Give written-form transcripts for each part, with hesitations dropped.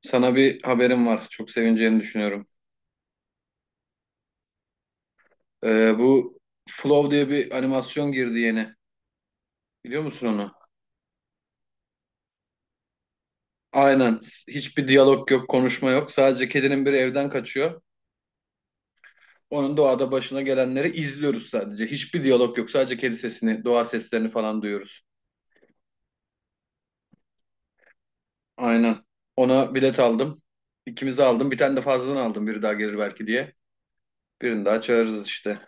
Sana bir haberim var. Çok sevineceğini düşünüyorum. Bu Flow diye bir animasyon girdi yeni. Biliyor musun onu? Aynen. Hiçbir diyalog yok, konuşma yok. Sadece kedinin biri evden kaçıyor. Onun doğada başına gelenleri izliyoruz sadece. Hiçbir diyalog yok. Sadece kedi sesini, doğa seslerini falan duyuyoruz. Aynen. Ona bilet aldım. İkimizi aldım. Bir tane de fazladan aldım. Biri daha gelir belki diye. Birini daha çağırırız işte.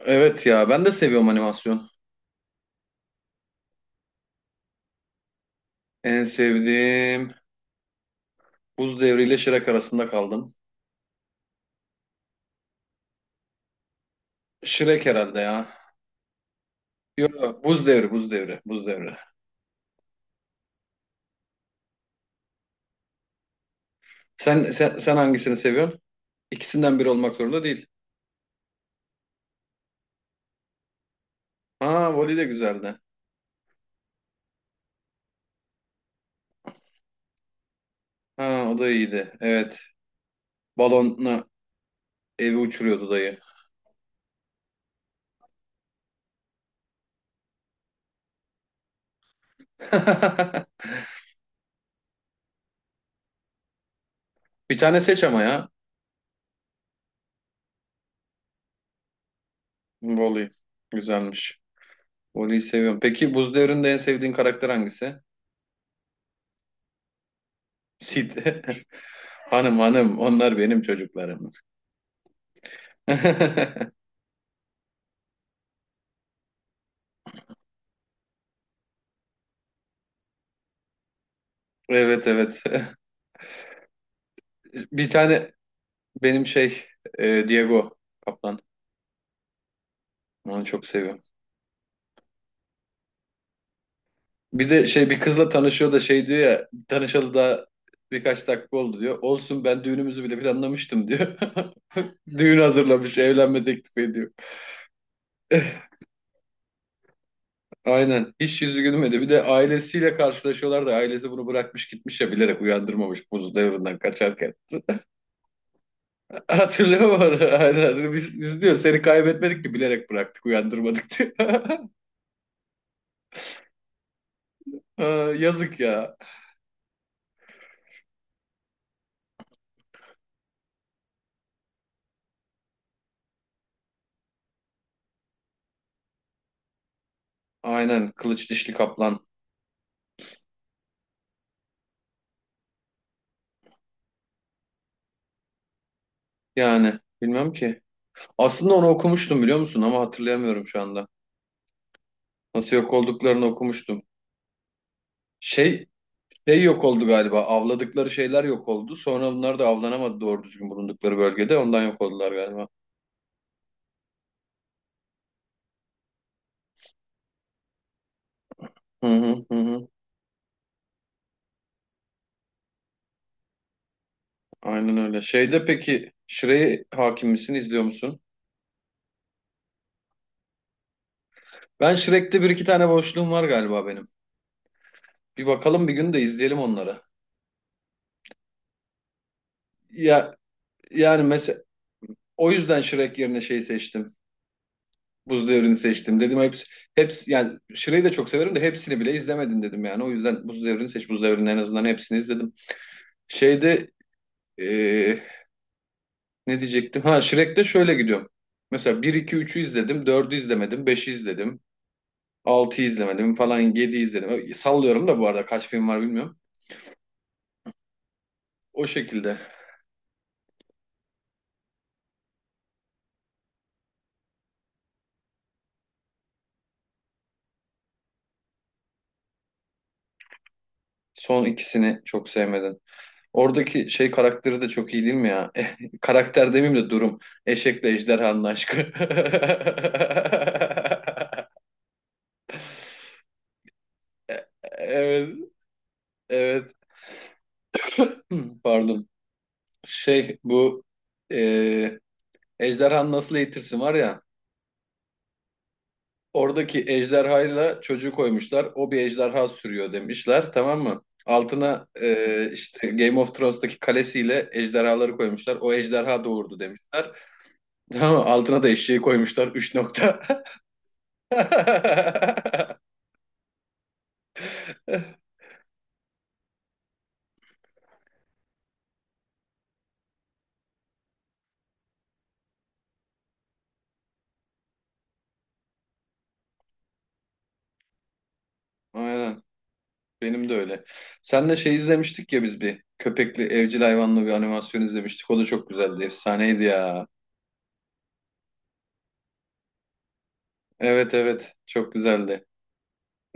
Evet ya ben de seviyorum animasyon. En sevdiğim Buz Devri ile Shrek arasında kaldım. Shrek herhalde ya. Yok, Buz Devri, Buz Devri, Buz Devri. Sen hangisini seviyorsun? İkisinden biri olmak zorunda değil. Ha, voli de güzeldi. Ha, o da iyiydi. Evet. Balonla evi uçuruyordu dayı. Bir tane seç ama ya. Voli. Güzelmiş. Voli'yi seviyorum. Peki Buz Devri'nde en sevdiğin karakter hangisi? Sid. Hanım hanım, onlar benim çocuklarım. Evet evet. Bir tane benim Diego Kaplan. Onu çok seviyorum. Bir de şey bir kızla tanışıyor da şey diyor ya tanışalı da birkaç dakika oldu diyor. Olsun ben düğünümüzü bile planlamıştım diyor. Düğün hazırlamış, evlenme teklif ediyor. Aynen. Hiç yüzü gülmedi. Bir de ailesiyle karşılaşıyorlar da ailesi bunu bırakmış gitmiş ya bilerek uyandırmamış buz devrinden kaçarken. Hatırlıyor musun? Aynen. Biz diyor seni kaybetmedik ki bilerek bıraktık uyandırmadık diyor. Aa, yazık ya. Aynen kılıç dişli kaplan. Yani bilmem ki. Aslında onu okumuştum biliyor musun ama hatırlayamıyorum şu anda. Nasıl yok olduklarını okumuştum. Şey, şey yok oldu galiba. Avladıkları şeyler yok oldu. Sonra bunlar da avlanamadı doğru düzgün bulundukları bölgede. Ondan yok oldular galiba. Hı hı hı. hı. Aynen öyle. Şeyde peki Shrek'e hakim misin, izliyor musun? Ben Shrek'te bir iki tane boşluğum var galiba benim. Bir bakalım bir gün de izleyelim onları. Ya yani mesela, o yüzden Shrek yerine şey seçtim. Buz Devri'ni seçtim. Dedim hepsi yani Şire'yi de çok severim de hepsini bile izlemedin dedim yani. O yüzden Buz Devri'ni seç. Buz Devri'nin en azından hepsini izledim. Şeyde eee, ne diyecektim? Ha Shrek'te şöyle gidiyorum. Mesela bir 2 üçü izledim. Dördü izlemedim. Beşi izledim. 6'yı izlemedim falan. 7'yi izledim. Sallıyorum da bu arada kaç film var bilmiyorum. O şekilde. Son ikisini çok sevmedim. Oradaki şey karakteri de çok iyi değil mi ya? Karakter demeyeyim de durum. Eşekle ejderhanın aşkı. Evet, evet. Pardon. Şey bu e, ejderhanın nasıl eğitirsin var ya. Oradaki ejderhayla çocuğu koymuşlar. O bir ejderha sürüyor demişler tamam mı? Altına işte Game of Thrones'taki kalesiyle ejderhaları koymuşlar. O ejderha doğurdu demişler. Tamam mı? Altına da eşeği koymuşlar. Üç nokta. Aynen. Benim de öyle. Senle şey izlemiştik ya biz bir köpekli evcil hayvanlı bir animasyon izlemiştik. O da çok güzeldi. Efsaneydi ya. Evet evet çok güzeldi.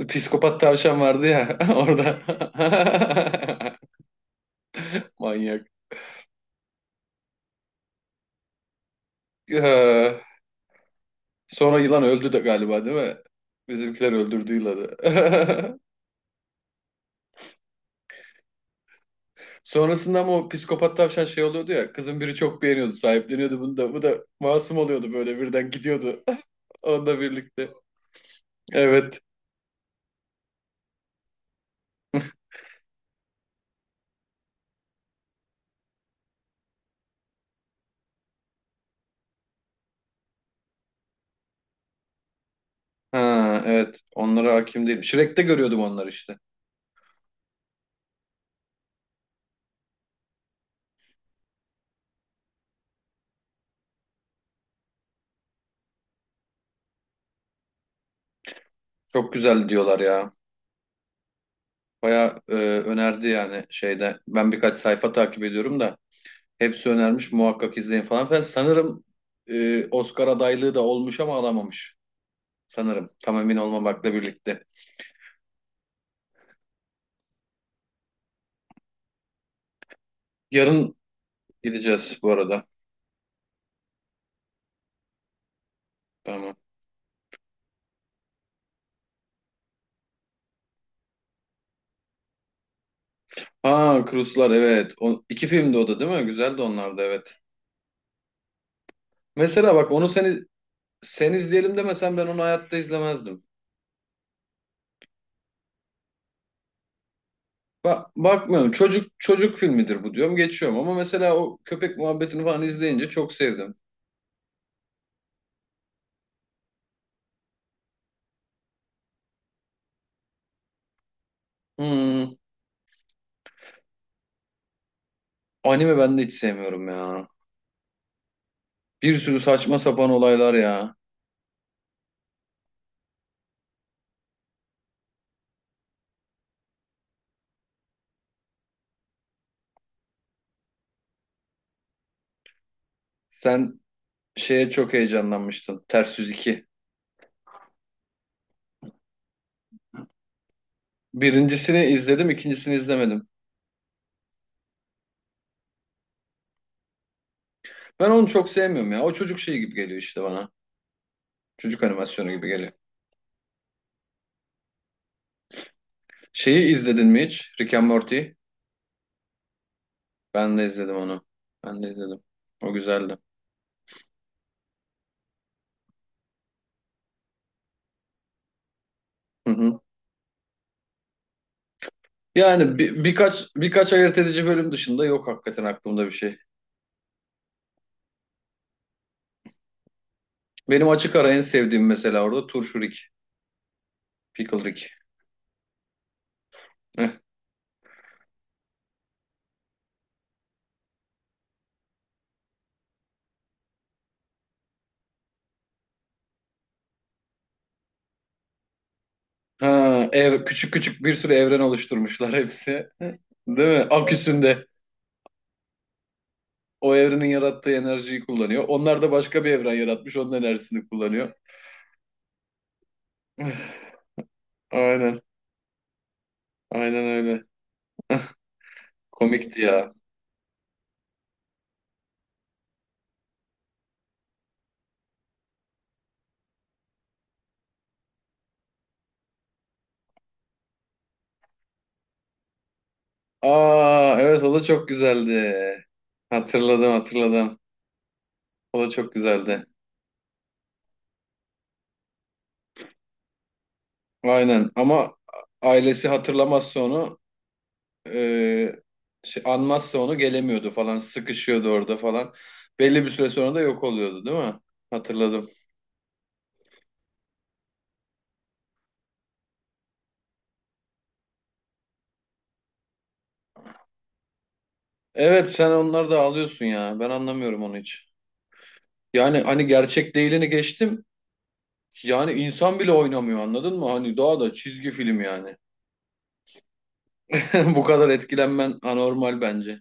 Psikopat tavşan vardı ya orada. Manyak. Ee, sonra yılan öldü de galiba değil mi? Bizimkiler öldürdü yılanı. Sonrasında ama o psikopat tavşan şey oluyordu ya. Kızın biri çok beğeniyordu, sahipleniyordu bunu da. Bu da masum oluyordu böyle birden gidiyordu. Onunla birlikte. Evet. Ha, evet onlara hakim değilim. Shrek'te görüyordum onları işte. Çok güzel diyorlar ya. Baya önerdi yani şeyde. Ben birkaç sayfa takip ediyorum da hepsi önermiş muhakkak izleyin falan filan. Sanırım Oscar adaylığı da olmuş ama alamamış. Sanırım tam emin olmamakla birlikte. Yarın gideceğiz bu arada. Tamam. Ha Cruise'lar evet. O, iki filmdi o da değil mi? Güzeldi onlar da evet. Mesela bak onu seni sen izleyelim demesen ben onu hayatta izlemezdim. Bakmıyorum. Çocuk filmidir bu diyorum. Geçiyorum ama mesela o köpek muhabbetini falan izleyince çok sevdim. Hmm, anime ben de hiç sevmiyorum ya. Bir sürü saçma sapan olaylar ya. Sen şeye çok heyecanlanmıştın. Ters Yüz 2. Birincisini izledim, ikincisini izlemedim. Ben onu çok sevmiyorum ya. O çocuk şeyi gibi geliyor işte bana. Çocuk animasyonu gibi geliyor. Şeyi izledin mi hiç? Rick and Morty. Ben de izledim onu. Ben de izledim. O güzeldi. Hı hı. Yani birkaç ayırt edici bölüm dışında yok hakikaten aklımda bir şey. Benim açık ara en sevdiğim mesela orada turşurik, pickle Rick. Heh. Küçük küçük bir sürü evren oluşturmuşlar hepsi. Değil mi? Aküsünde o evrenin yarattığı enerjiyi kullanıyor. Onlar da başka bir evren yaratmış, onun enerjisini kullanıyor. Aynen, aynen öyle. Komikti ya. Aa, evet o da çok güzeldi. Hatırladım. O da çok güzeldi. Aynen ama ailesi hatırlamazsa onu e, anmazsa onu gelemiyordu falan sıkışıyordu orada falan. Belli bir süre sonra da yok oluyordu değil mi? Hatırladım. Evet sen onları da alıyorsun ya ben anlamıyorum onu hiç. Yani hani gerçek değilini geçtim yani insan bile oynamıyor anladın mı? Hani daha da çizgi film yani. Bu kadar etkilenmen anormal bence.